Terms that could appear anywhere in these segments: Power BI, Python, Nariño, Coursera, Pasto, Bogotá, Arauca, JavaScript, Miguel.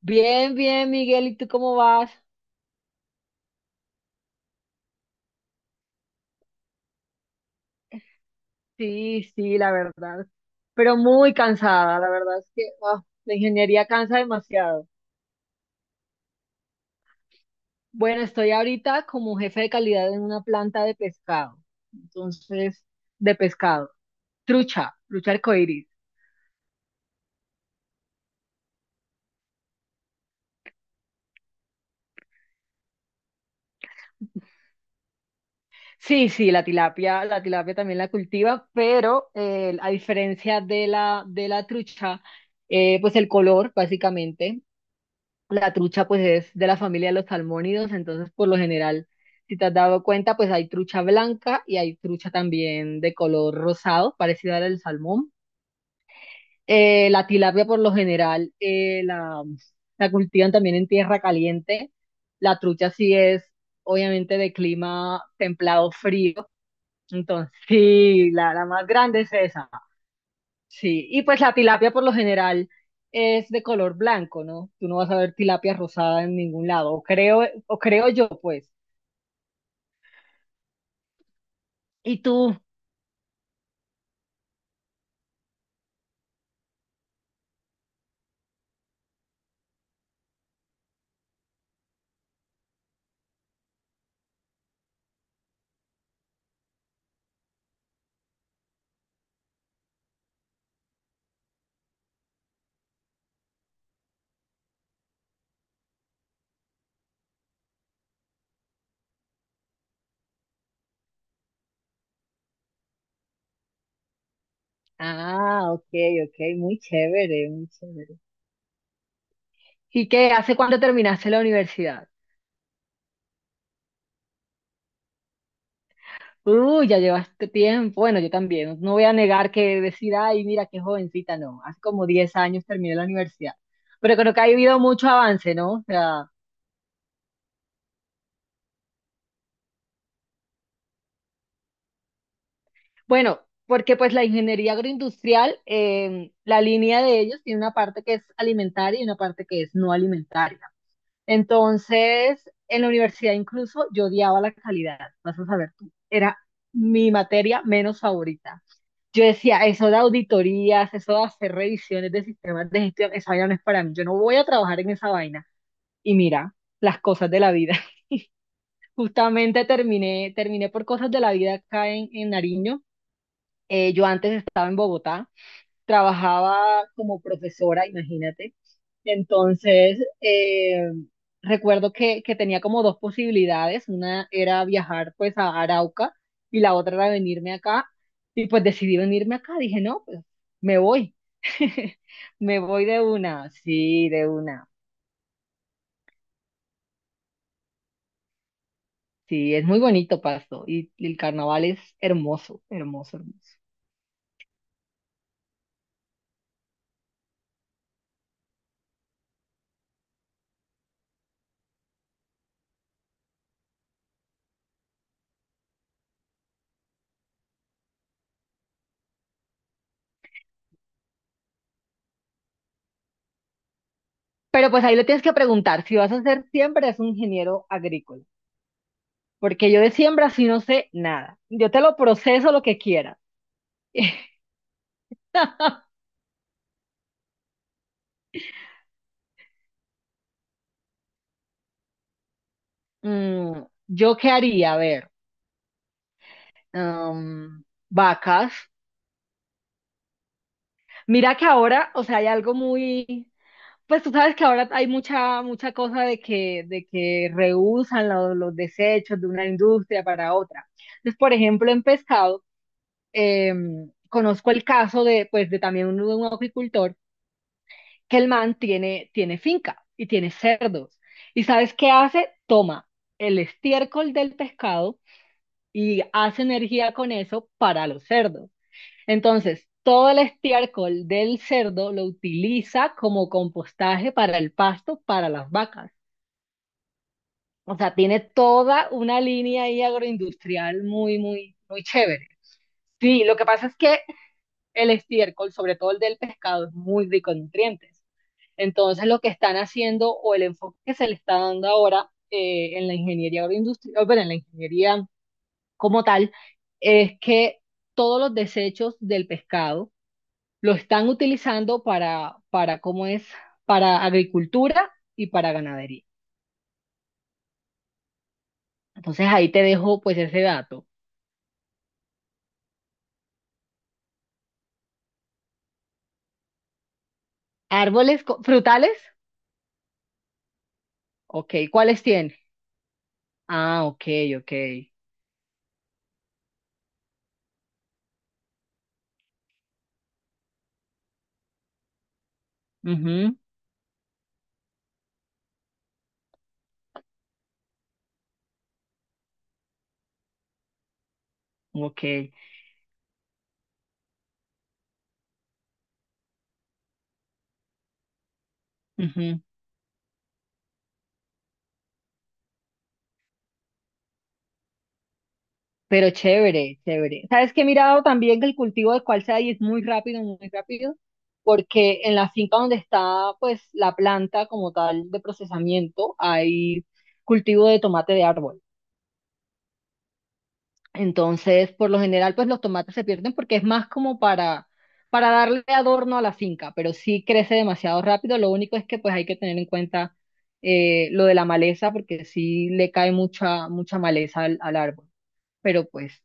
Bien, bien, Miguel, ¿y tú cómo vas? Sí, sí, la verdad. Pero muy cansada, la verdad es que la ingeniería cansa demasiado. Bueno, estoy ahorita como jefe de calidad en una planta de pescado. Entonces, de pescado. Trucha, trucha arcoíris. Sí, sí, la tilapia también la cultiva, pero a diferencia de la, trucha, pues el color, básicamente. La trucha pues es de la familia de los salmónidos, entonces por lo general, si te has dado cuenta, pues hay trucha blanca y hay trucha también de color rosado, parecida al salmón. La tilapia por lo general la, cultivan también en tierra caliente. La trucha sí es obviamente de clima templado frío, entonces sí, la, más grande es esa. Sí, y pues la tilapia por lo general es de color blanco, ¿no? Tú no vas a ver tilapia rosada en ningún lado, o creo yo, pues. ¿Y tú? Ah, ok, ok, muy chévere, muy chévere. ¿Y qué? ¿Hace cuánto terminaste la universidad? Ya llevaste tiempo. Bueno, yo también. No voy a negar que decir, ay, mira qué jovencita, no. Hace como 10 años terminé la universidad. Pero creo que ha habido mucho avance, ¿no? O sea, bueno, porque pues la ingeniería agroindustrial, la línea de ellos tiene una parte que es alimentaria y una parte que es no alimentaria. Entonces, en la universidad incluso yo odiaba la calidad, vas a saber tú, era mi materia menos favorita. Yo decía, eso de auditorías, eso de hacer revisiones de sistemas de gestión, esa vaina no es para mí, yo no voy a trabajar en esa vaina. Y mira, las cosas de la vida. Justamente terminé, terminé por cosas de la vida acá en, Nariño. Yo antes estaba en Bogotá, trabajaba como profesora, imagínate. Entonces, recuerdo que, tenía como dos posibilidades. Una era viajar pues a Arauca y la otra era venirme acá. Y pues decidí venirme acá. Dije, no, pues me voy. Me voy de una. Sí, es muy bonito Pasto y, el carnaval es hermoso, hermoso, hermoso. Pero pues ahí le tienes que preguntar, si vas a ser siempre es un ingeniero agrícola, porque yo de siembra sí no sé nada. Yo te lo proceso lo que quieras. Mm, ¿Yo qué haría? A ver, am, vacas. Mira que ahora, o sea, hay algo muy, pues tú sabes que ahora hay mucha, mucha cosa de que, reusan los desechos de una industria para otra. Entonces, por ejemplo, en pescado, conozco el caso de, pues, de también un, acuicultor que el man tiene, finca y tiene cerdos. ¿Y sabes qué hace? Toma el estiércol del pescado y hace energía con eso para los cerdos. Entonces, todo el estiércol del cerdo lo utiliza como compostaje para el pasto, para las vacas. O sea, tiene toda una línea ahí agroindustrial muy, muy, muy chévere. Sí, lo que pasa es que el estiércol, sobre todo el del pescado, es muy rico en nutrientes. Entonces, lo que están haciendo o el enfoque que se le está dando ahora en la ingeniería agroindustrial, bueno, en la ingeniería como tal, es que todos los desechos del pescado lo están utilizando para, ¿cómo es? Para agricultura y para ganadería. Entonces, ahí te dejo pues ese dato. Árboles frutales, ok, ¿cuáles tiene? Ah, ok. ok. Ujú, ok. Ujú. Pero chévere, chévere. ¿Sabes qué he mirado también que el cultivo de cualza y es muy rápido, muy rápido? Porque en la finca donde está pues la planta como tal de procesamiento hay cultivo de tomate de árbol. Entonces, por lo general, pues los tomates se pierden porque es más como para, darle adorno a la finca, pero sí crece demasiado rápido. Lo único es que pues hay que tener en cuenta lo de la maleza porque sí le cae mucha, mucha maleza al árbol, pero pues…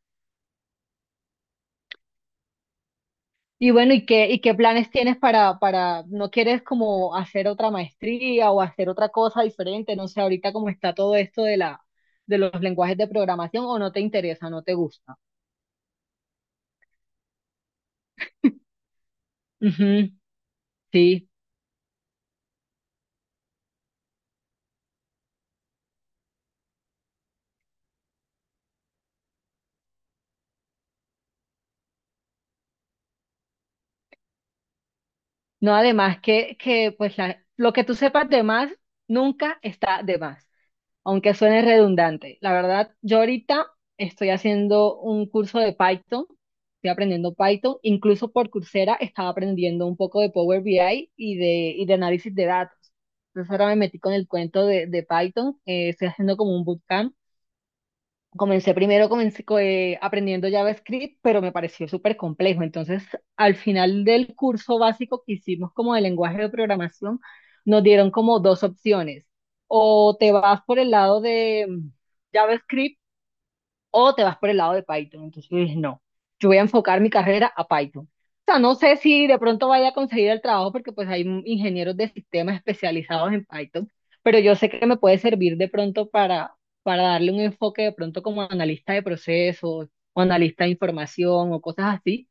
Y bueno, y qué planes tienes para, no quieres como hacer otra maestría o hacer otra cosa diferente? No sé, ahorita cómo está todo esto de los lenguajes de programación, o no te interesa, no te gusta. Ujú, sí. No, además que, pues lo que tú sepas de más nunca está de más, aunque suene redundante. La verdad, yo ahorita estoy haciendo un curso de Python, estoy aprendiendo Python, incluso por Coursera estaba aprendiendo un poco de Power BI y de, análisis de datos. Entonces ahora me metí con el cuento de, Python. Estoy haciendo como un bootcamp. Comencé primero comencé, aprendiendo JavaScript, pero me pareció súper complejo. Entonces, al final del curso básico que hicimos como de lenguaje de programación, nos dieron como dos opciones. O te vas por el lado de JavaScript, o te vas por el lado de Python. Entonces yo dije, no, yo voy a enfocar mi carrera a Python. O sea, no sé si de pronto vaya a conseguir el trabajo porque pues hay ingenieros de sistemas especializados en Python, pero yo sé que me puede servir de pronto para, darle un enfoque de pronto como analista de procesos o analista de información o cosas así,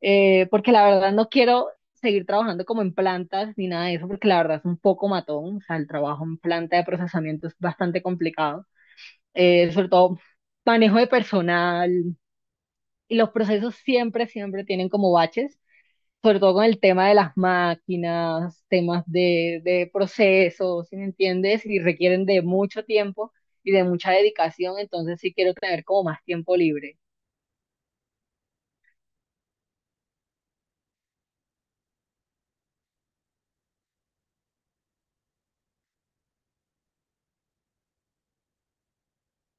porque la verdad no quiero seguir trabajando como en plantas ni nada de eso, porque la verdad es un poco matón, o sea, el trabajo en planta de procesamiento es bastante complicado. Sobre todo manejo de personal, y los procesos siempre, siempre tienen como baches, sobre todo con el tema de las máquinas, temas de, procesos, ¿sí me entiendes? Y requieren de mucho tiempo y de mucha dedicación, entonces sí quiero tener como más tiempo libre.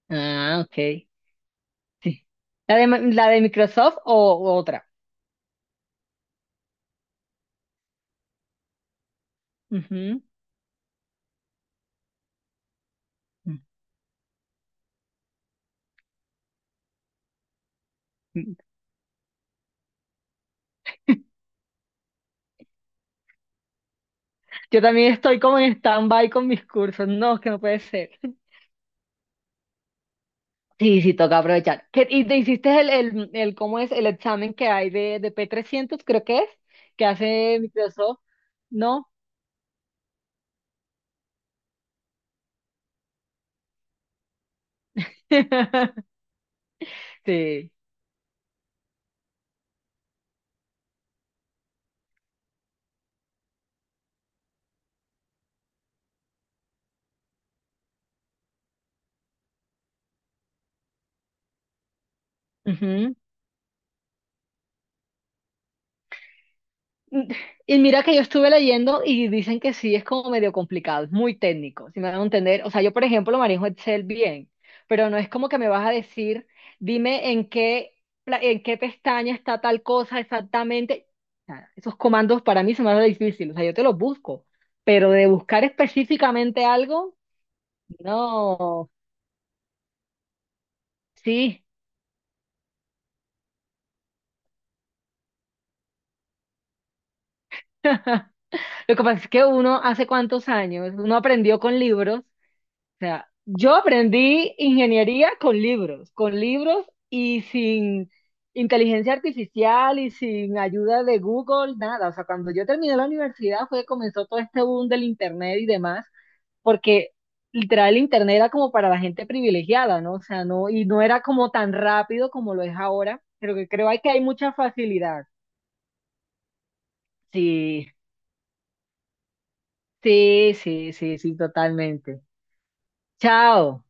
Ah, ok. Sí. ¿La de, Microsoft, o, otra? Ujú. Mm. Yo también estoy como en stand-by con mis cursos. No, que no puede ser. Sí, sí, toca aprovechar. ¿Y te hiciste el, cómo es el examen que hay de, P300 creo que es, que hace Microsoft? ¿No? Sí. Y mira que yo estuve leyendo y dicen que sí es como medio complicado, es muy técnico, si me van a entender. O sea, yo por ejemplo lo manejo Excel bien, pero no es como que me vas a decir, dime en qué, en qué pestaña está tal cosa exactamente. Nada, esos comandos para mí se me hacen difícil, o sea, yo te los busco, pero de buscar específicamente algo, no, sí. Lo que pasa es que uno hace cuántos años, uno aprendió con libros. O sea, yo aprendí ingeniería con libros y sin inteligencia artificial y sin ayuda de Google, nada. O sea, cuando yo terminé la universidad fue que comenzó todo este boom del internet y demás, porque literal el internet era como para la gente privilegiada, ¿no? O sea, no, y no era como tan rápido como lo es ahora, pero que creo hay que hay mucha facilidad. Sí, sí, sí, sí, sí, totalmente. Chao.